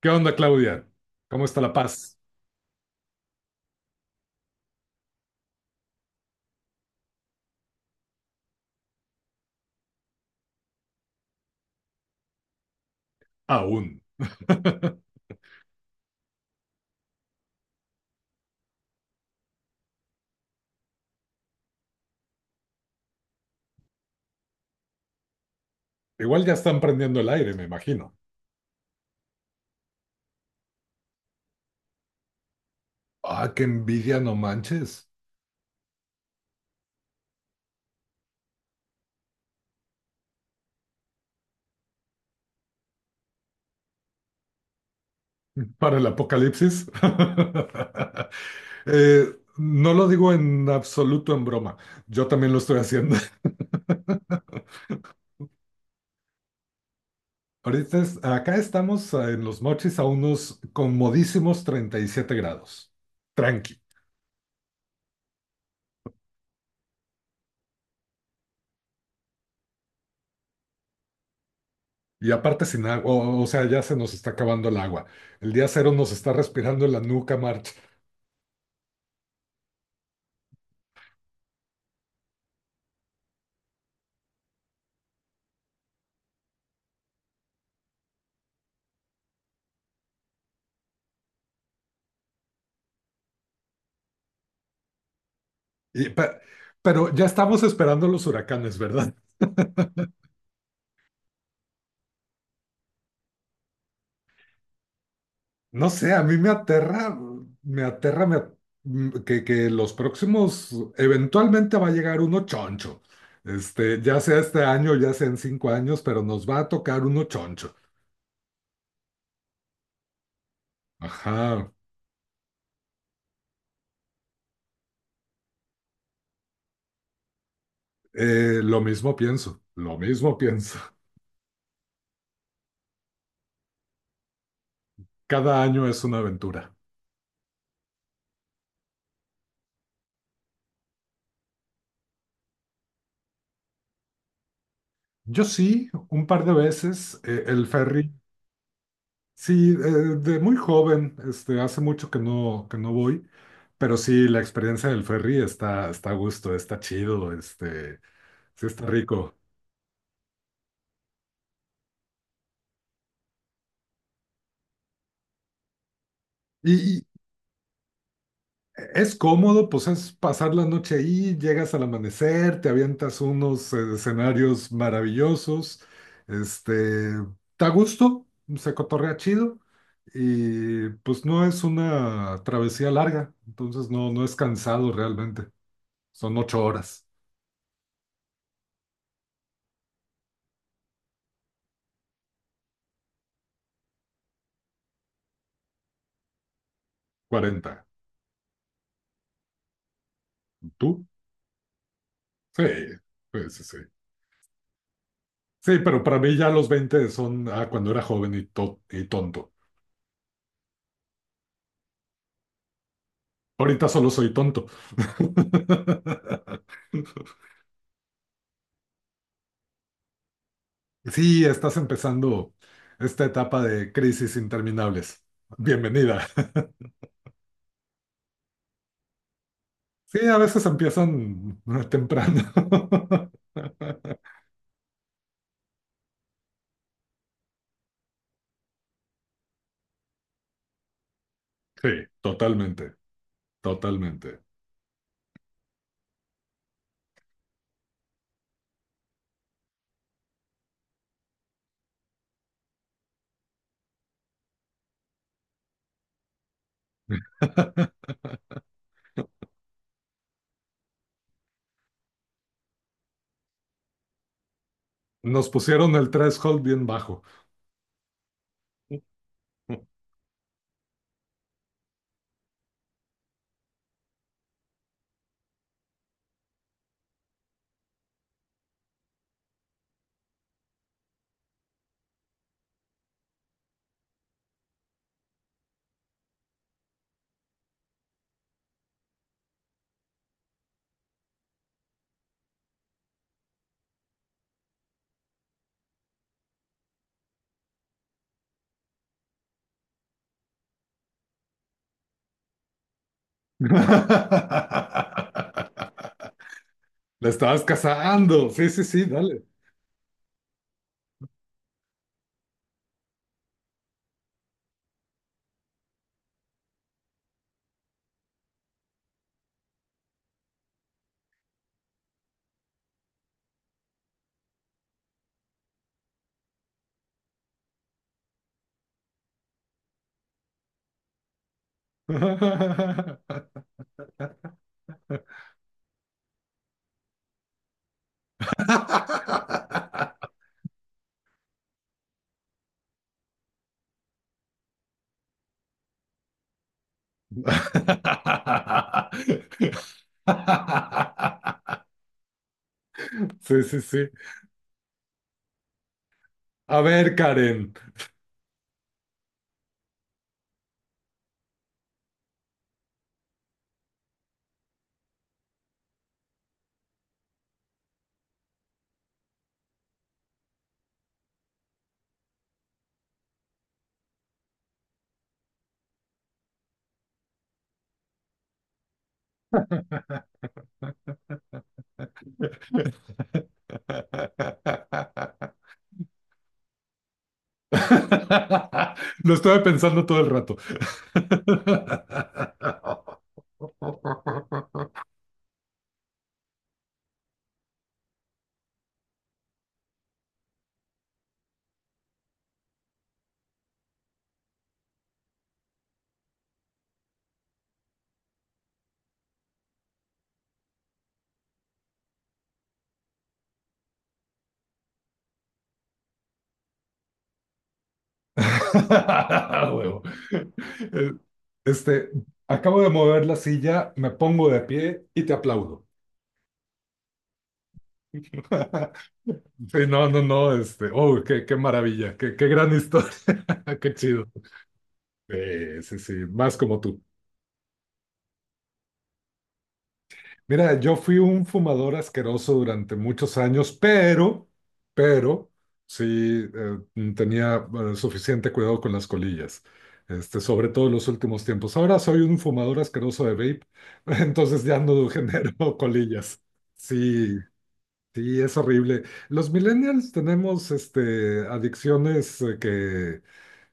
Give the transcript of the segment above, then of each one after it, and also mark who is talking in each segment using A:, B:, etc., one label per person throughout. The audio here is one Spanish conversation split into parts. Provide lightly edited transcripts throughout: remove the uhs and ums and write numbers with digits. A: ¿Qué onda, Claudia? ¿Cómo está La Paz? Aún. Igual ya están prendiendo el aire, me imagino. Ah, qué envidia, no manches. Para el apocalipsis. Eh, no lo digo en absoluto en broma. Yo también lo estoy haciendo. Ahorita acá estamos en Los Mochis a unos comodísimos 37 grados. Tranqui. Y aparte sin agua, o sea, ya se nos está acabando el agua. El día cero nos está respirando en la nuca, March. Y pe- pero ya estamos esperando los huracanes, ¿verdad? No sé, a mí me aterra, me aterra me at- que los próximos, eventualmente va a llegar uno choncho. Ya sea este año, ya sea en 5 años, pero nos va a tocar uno choncho. Ajá, lo mismo pienso, lo mismo pienso. Cada año es una aventura. Yo sí, un par de veces, el ferry. Sí, de muy joven, hace mucho que no voy, pero sí, la experiencia del ferry está a gusto, está chido, sí está rico. Y, y es cómodo, pues es pasar la noche ahí, llegas al amanecer, te avientas unos escenarios maravillosos, este, está a gusto, se cotorrea chido, y pues no es una travesía larga, entonces no es cansado realmente, son 8 horas, 40. ¿Tú? Sí, sí, sí, sí. Sí, pero para mí ya los 20 son cuando era joven y tonto. Ahorita solo soy tonto. Sí, estás empezando esta etapa de crisis interminables. Bienvenida. Sí, a veces empiezan temprano. Sí, totalmente, totalmente. Nos pusieron el threshold bien bajo. La estabas cazando. Sí, sí, sí, dale. Sí, sí, sí. A ver, Karen. Lo estuve pensando todo el rato. Huevo. Eh, Este, acabo de mover la silla, me pongo de pie y te aplaudo. Sí, no, no, no, oh, qué maravilla, qué gran historia, qué chido. Sí, sí, más como tú. Mira, yo fui un fumador asqueroso durante muchos años, pero, sí tenía suficiente cuidado con las colillas, sobre todo en los últimos tiempos. Ahora soy un fumador asqueroso de vape, entonces ya no genero colillas. Sí, sí, es horrible. Los millennials tenemos adicciones que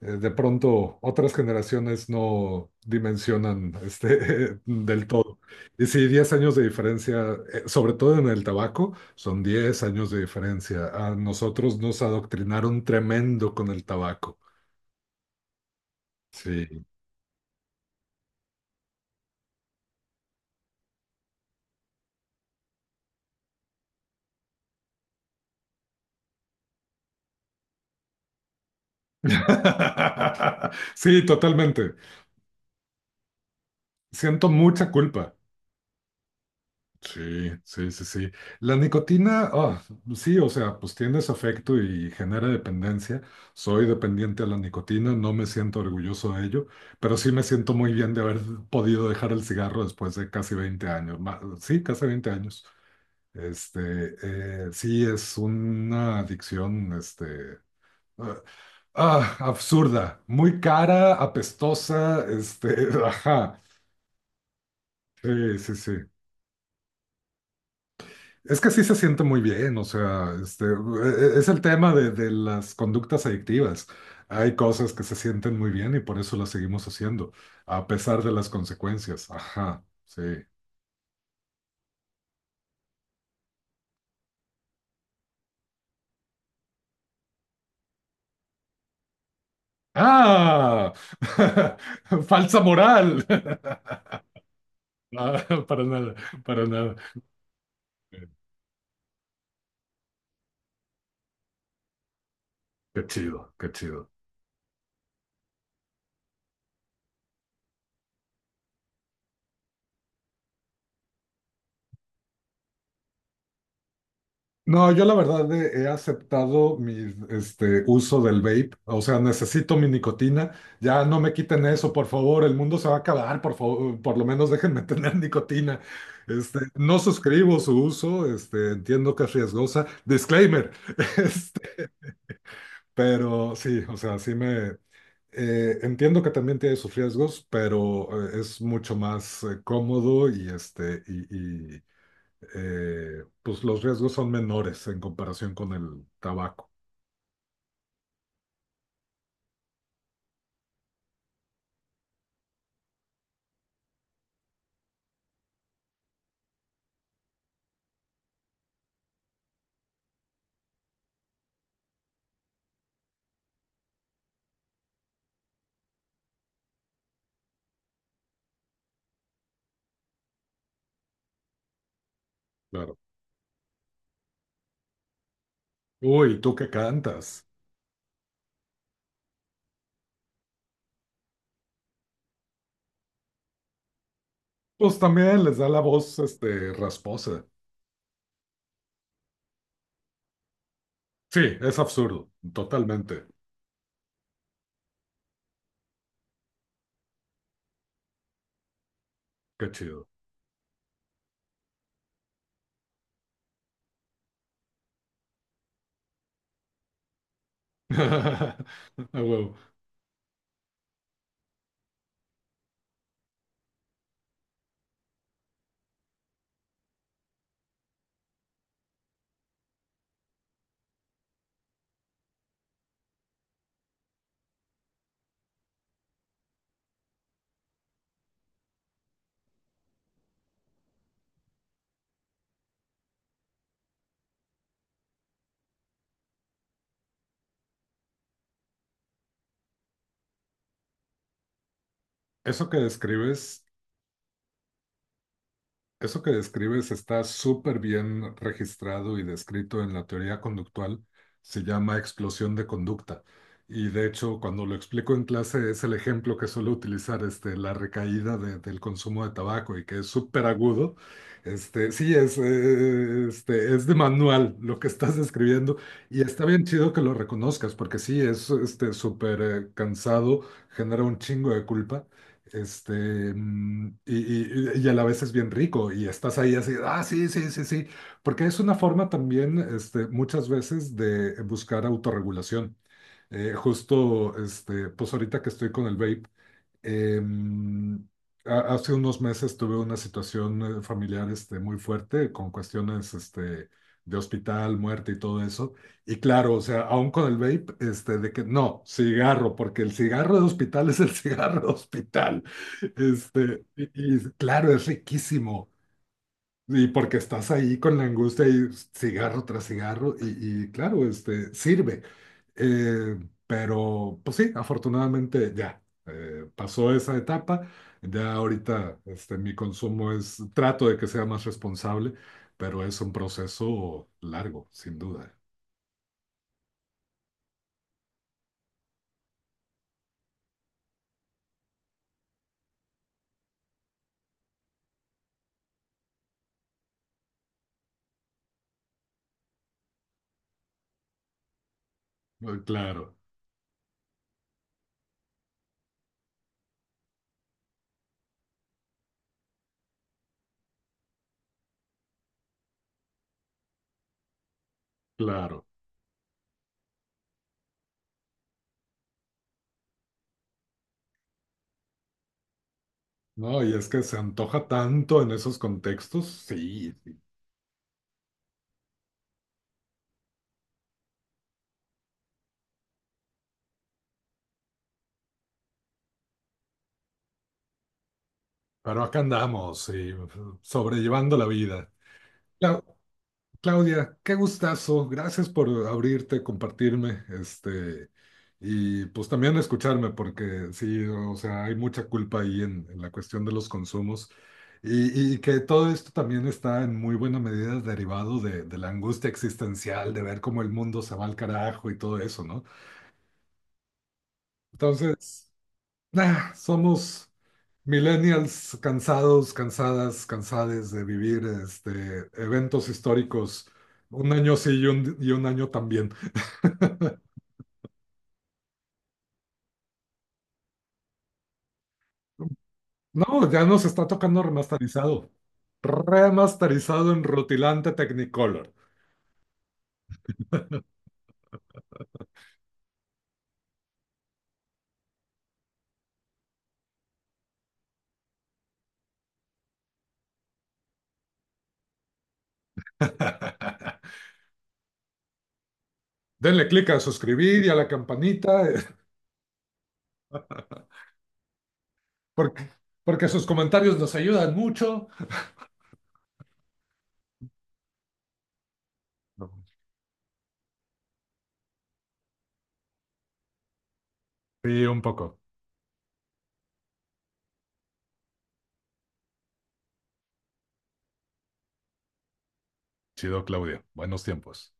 A: de pronto otras generaciones no dimensionan del todo. Y sí, 10 años de diferencia, sobre todo en el tabaco, son 10 años de diferencia. A nosotros nos adoctrinaron tremendo con el tabaco. Sí. Sí, totalmente. Siento mucha culpa. Sí, sí, sí, sí. La nicotina, sí, o sea, pues tienes afecto y genera dependencia. Soy dependiente a la nicotina, no me siento orgulloso de ello, pero sí me siento muy bien de haber podido dejar el cigarro después de casi 20 años. Sí, casi 20 años. Este, sí, es una adicción, ah, absurda, muy cara, apestosa, ajá. Sí, sí, sí. Es que sí se siente muy bien, o sea, es el tema de las conductas adictivas. Hay cosas que se sienten muy bien y por eso las seguimos haciendo, a pesar de las consecuencias. Ajá, sí. ¡Ah! Falsa moral. Ah, para nada, para nada. Qué chido, qué chido. No, yo la verdad he aceptado mi uso del vape, o sea, necesito mi nicotina, ya no me quiten eso, por favor, el mundo se va a acabar, por favor, por lo menos déjenme tener nicotina. No suscribo su uso, entiendo que es riesgosa, disclaimer, este, pero sí, o sea, sí me... entiendo que también tiene sus riesgos, pero es mucho más cómodo y pues los riesgos son menores en comparación con el tabaco, claro. Uy, ¿tú qué cantas? Pues también les da la voz, rasposa. Sí, es absurdo, totalmente. Qué chido. A huevo. Eso que describes Eso que describes está súper bien registrado y descrito en la teoría conductual, se llama explosión de conducta. Y de hecho, cuando lo explico en clase, es el ejemplo que suelo utilizar, la recaída del consumo de tabaco y que es súper agudo. Sí, es de manual lo que estás describiendo y está bien chido que lo reconozcas porque sí, es súper cansado, genera un chingo de culpa. Este, mm, y, y a la vez es bien rico y estás ahí así, sí, sí, sí, sí, porque es una forma también, muchas veces de buscar autorregulación. Justo, pues ahorita que estoy con el vape. Em, hace unos meses tuve una situación familiar muy fuerte con cuestiones de hospital, muerte y todo eso. Y claro, o sea, aún con el vape, de que no, cigarro, porque el cigarro de hospital es el cigarro de hospital. Y claro, es riquísimo. Y porque estás ahí con la angustia y cigarro tras cigarro, y claro, sirve. Eh, pero, pues sí, afortunadamente ya pasó esa etapa. Ya ahorita mi consumo es, trato de que sea más responsable, pero es un proceso largo, sin duda. Claro, claro. No, y es que se antoja tanto en esos contextos, sí, sí. Pero acá andamos, sí, sobrellevando la vida. La- Claudia, qué gustazo. Gracias por abrirte, compartirme, y pues también escucharme, porque sí, o sea, hay mucha culpa ahí en, la cuestión de los consumos. Y que todo esto también está en muy buena medida derivado de la angustia existencial, de ver cómo el mundo se va al carajo y todo eso, ¿no? Entonces, somos millennials cansados, cansadas, cansades de vivir eventos históricos un año sí y un año también. No, ya nos está tocando remasterizado. Remasterizado en rutilante Technicolor. Denle clic a suscribir y a la campanita, porque, porque, sus comentarios nos ayudan mucho. No. Sí, un poco. Chido, Claudia. Buenos tiempos.